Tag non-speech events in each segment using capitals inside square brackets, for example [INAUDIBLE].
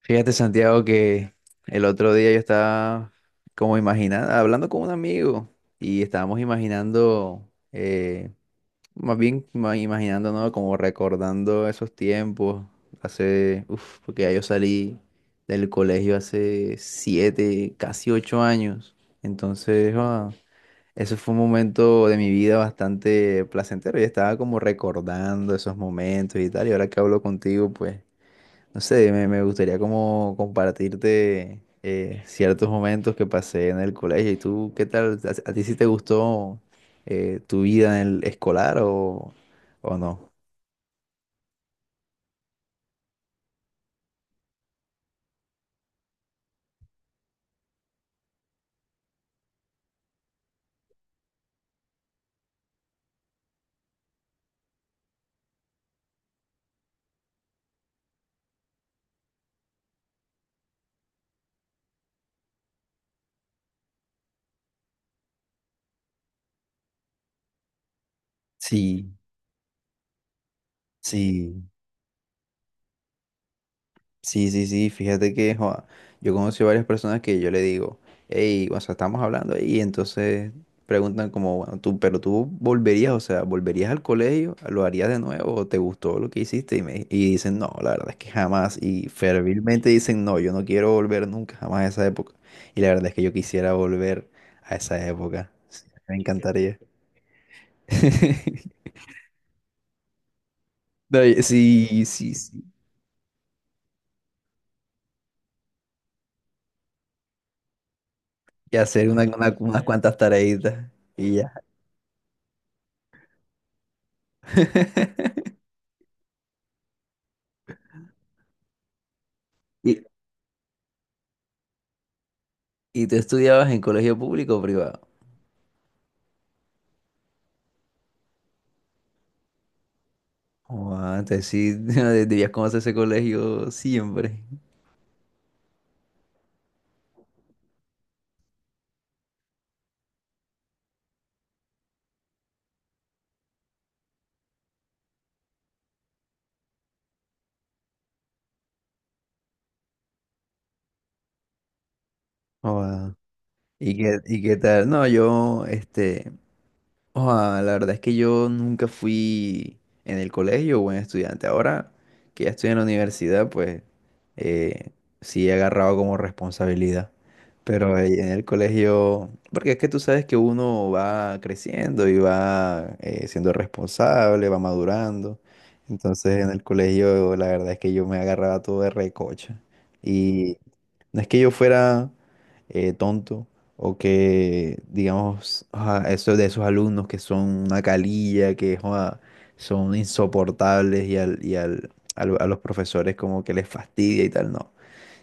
Fíjate, Santiago, que el otro día yo estaba como imaginando, hablando con un amigo y estábamos imaginando, más bien imaginando, ¿no? Como recordando esos tiempos, hace, uff, porque ya yo salí del colegio hace 7, casi 8 años. Entonces, eso fue un momento de mi vida bastante placentero y estaba como recordando esos momentos y tal. Y ahora que hablo contigo, pues... No sé, me gustaría como compartirte ciertos momentos que pasé en el colegio. ¿Y tú qué tal? A ti sí te gustó tu vida en el escolar o no? Sí, sí. Sí, sí, sí, fíjate que joa, yo conocí varias personas que yo le digo, hey, o sea, estamos hablando y entonces preguntan como, bueno, tú, pero tú volverías, o sea, volverías al colegio, lo harías de nuevo, o te gustó lo que hiciste y y dicen, no, la verdad es que jamás, y fervilmente dicen, no, yo no quiero volver nunca, jamás a esa época. Y la verdad es que yo quisiera volver a esa época, sí, me encantaría. [LAUGHS] No, sí, sí, sí, y hacer unas cuantas tareitas y ya. [LAUGHS] Y, ¿y tú estudiabas en colegio público o privado? Joda, entonces sí, [LAUGHS] debías conocer ese colegio siempre. Joda. Y qué tal? No, yo, este, oa, la verdad es que yo nunca fui en el colegio buen estudiante. Ahora que ya estoy en la universidad, pues eh, sí he agarrado como responsabilidad. Pero en el colegio, porque es que tú sabes que uno va creciendo y va siendo responsable, va madurando. Entonces en el colegio la verdad es que yo me agarraba todo de recocha. Y no es que yo fuera tonto, o que, digamos, ah, eso de esos alumnos que son una calilla, que joda, son insoportables y a los profesores como que les fastidia y tal, no.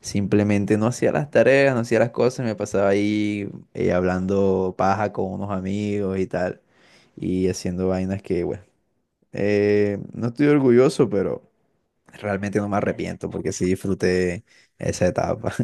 Simplemente no hacía las tareas, no hacía las cosas, me pasaba ahí hablando paja con unos amigos y tal, y haciendo vainas que, bueno, no estoy orgulloso, pero realmente no me arrepiento porque sí disfruté esa etapa. [LAUGHS]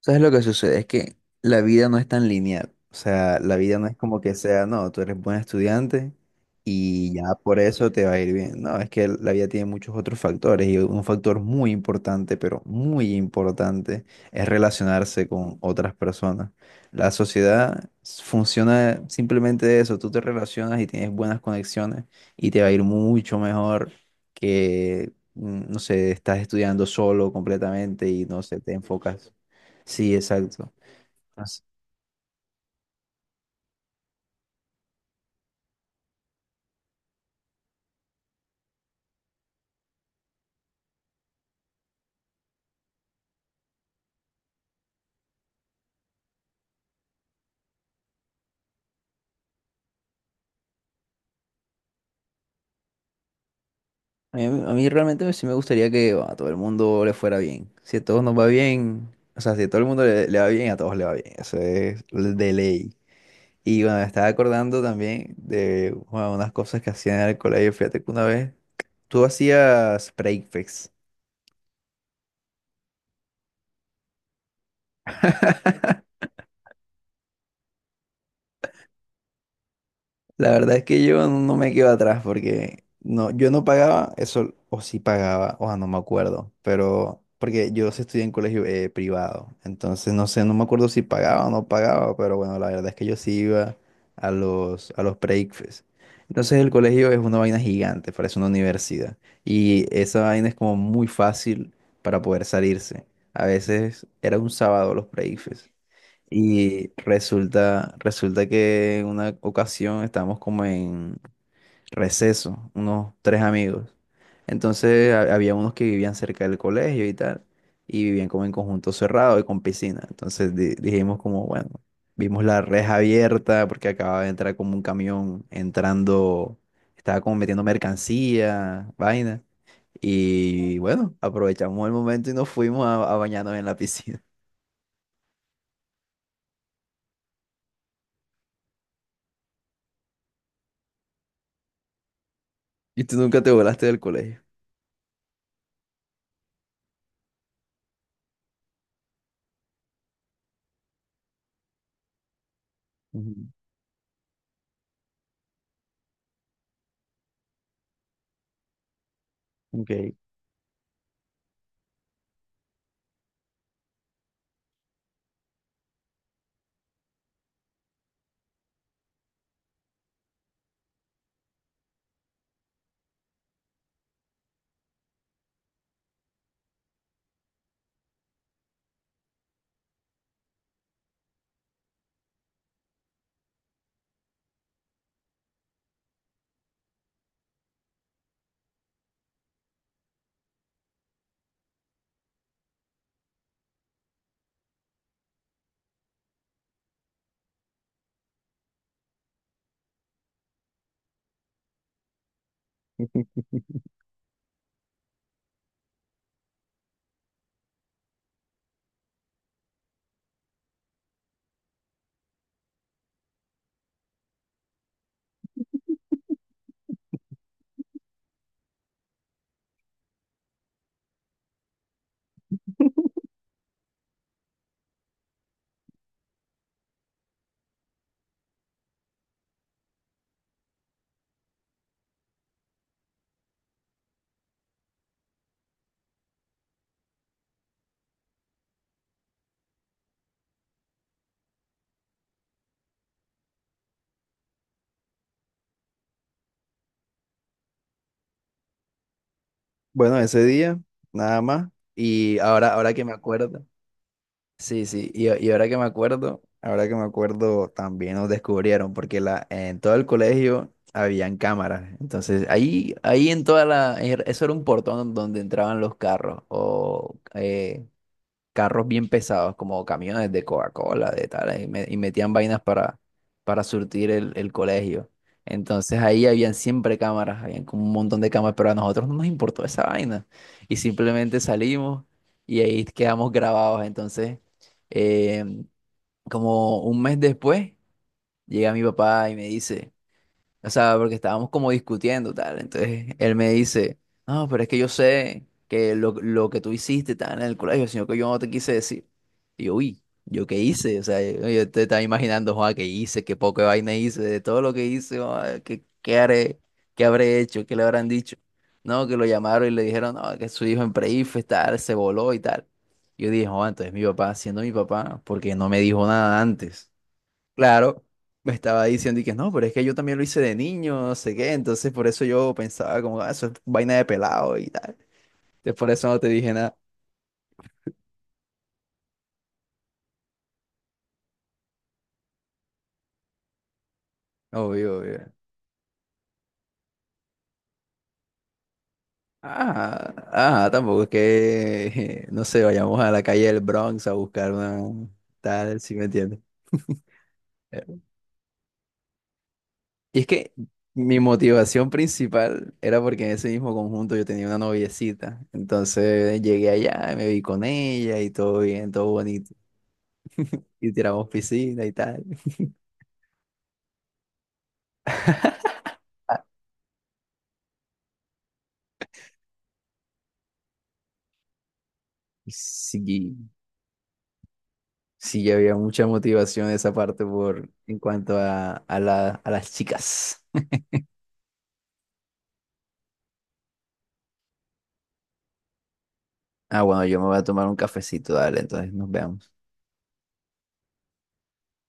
¿Sabes lo que sucede? Es que la vida no es tan lineal. O sea, la vida no es como que sea, no, tú eres buen estudiante y ya por eso te va a ir bien. No, es que la vida tiene muchos otros factores y un factor muy importante, pero muy importante, es relacionarse con otras personas. La sociedad funciona simplemente de eso. Tú te relacionas y tienes buenas conexiones y te va a ir mucho mejor que, mm, no sé, estás estudiando solo completamente y no sé, te enfocas. Sí, exacto. As- A a mí realmente sí me gustaría que bueno, a todo el mundo le fuera bien. Si a todos nos va bien, o sea, si a todo el mundo le va bien, a todos le va bien. Eso es de ley. Y bueno, me estaba acordando también de bueno, unas cosas que hacían en el colegio. Fíjate que una vez tú hacías breakfast. La verdad es que yo no me quedo atrás porque no, yo no pagaba eso, o sí pagaba, o sea, no me acuerdo, pero porque yo sí estudié en colegio privado, entonces no sé, no me acuerdo si pagaba o no pagaba, pero bueno, la verdad es que yo sí iba a los pre-ICFES. Entonces el colegio es una vaina gigante, parece una universidad, y esa vaina es como muy fácil para poder salirse. A veces era un sábado los pre-ICFES. Y resulta que en una ocasión estábamos como en receso, unos tres amigos. Entonces había unos que vivían cerca del colegio y tal, y vivían como en conjunto cerrado y con piscina. Entonces dijimos como, bueno, vimos la reja abierta porque acababa de entrar como un camión entrando, estaba como metiendo mercancía, vaina. Y bueno, aprovechamos el momento y nos fuimos a bañarnos en la piscina. [LAUGHS] ¿Y tú nunca te volaste del colegio? Ok. Bueno, ese día, nada más. Y ahora, ahora que me acuerdo, sí, sí, y ahora que me acuerdo, también nos descubrieron, porque la, en todo el colegio habían cámaras. Entonces, ahí en toda la, eso era un portón donde entraban los carros o carros bien pesados, como camiones de Coca-Cola, de tal, y y metían vainas para surtir el colegio. Entonces ahí habían siempre cámaras, habían como un montón de cámaras, pero a nosotros no nos importó esa vaina. Y simplemente salimos y ahí quedamos grabados. Entonces, eh, como un mes después, llega mi papá y me dice... O sea, porque estábamos como discutiendo, tal. Entonces él me dice, no, pero es que yo sé que lo que tú hiciste estaba en el colegio, sino que yo no te quise decir. Y yo, uy, ¿yo qué hice? O sea, yo te estaba imaginando, joa, qué hice, qué poca vaina hice, de todo lo que hice, joa, qué, qué haré, qué habré hecho, qué le habrán dicho. No, que lo llamaron y le dijeron, no, que su hijo en pre-IFE, tal, se voló y tal. Yo dije, joa, entonces mi papá, siendo mi papá, porque no me dijo nada antes. Claro, me estaba diciendo y que no, pero es que yo también lo hice de niño, no sé qué, entonces por eso yo pensaba como, "Ah, eso es vaina de pelado y tal. Entonces por eso no te dije nada." Obvio, obvio. Ah, ah, tampoco es que, [LAUGHS] no sé, vayamos a la calle del Bronx a buscar una tal, si me entiendes. [LAUGHS] Eh, y es que mi motivación principal era porque en ese mismo conjunto yo tenía una noviecita. Entonces llegué allá y me vi con ella y todo bien, todo bonito. Y tiramos piscina y tal. Sí, sí, había mucha motivación de esa parte por en cuanto a, a las chicas. Ah, bueno, yo me voy a tomar un cafecito, dale, entonces nos veamos.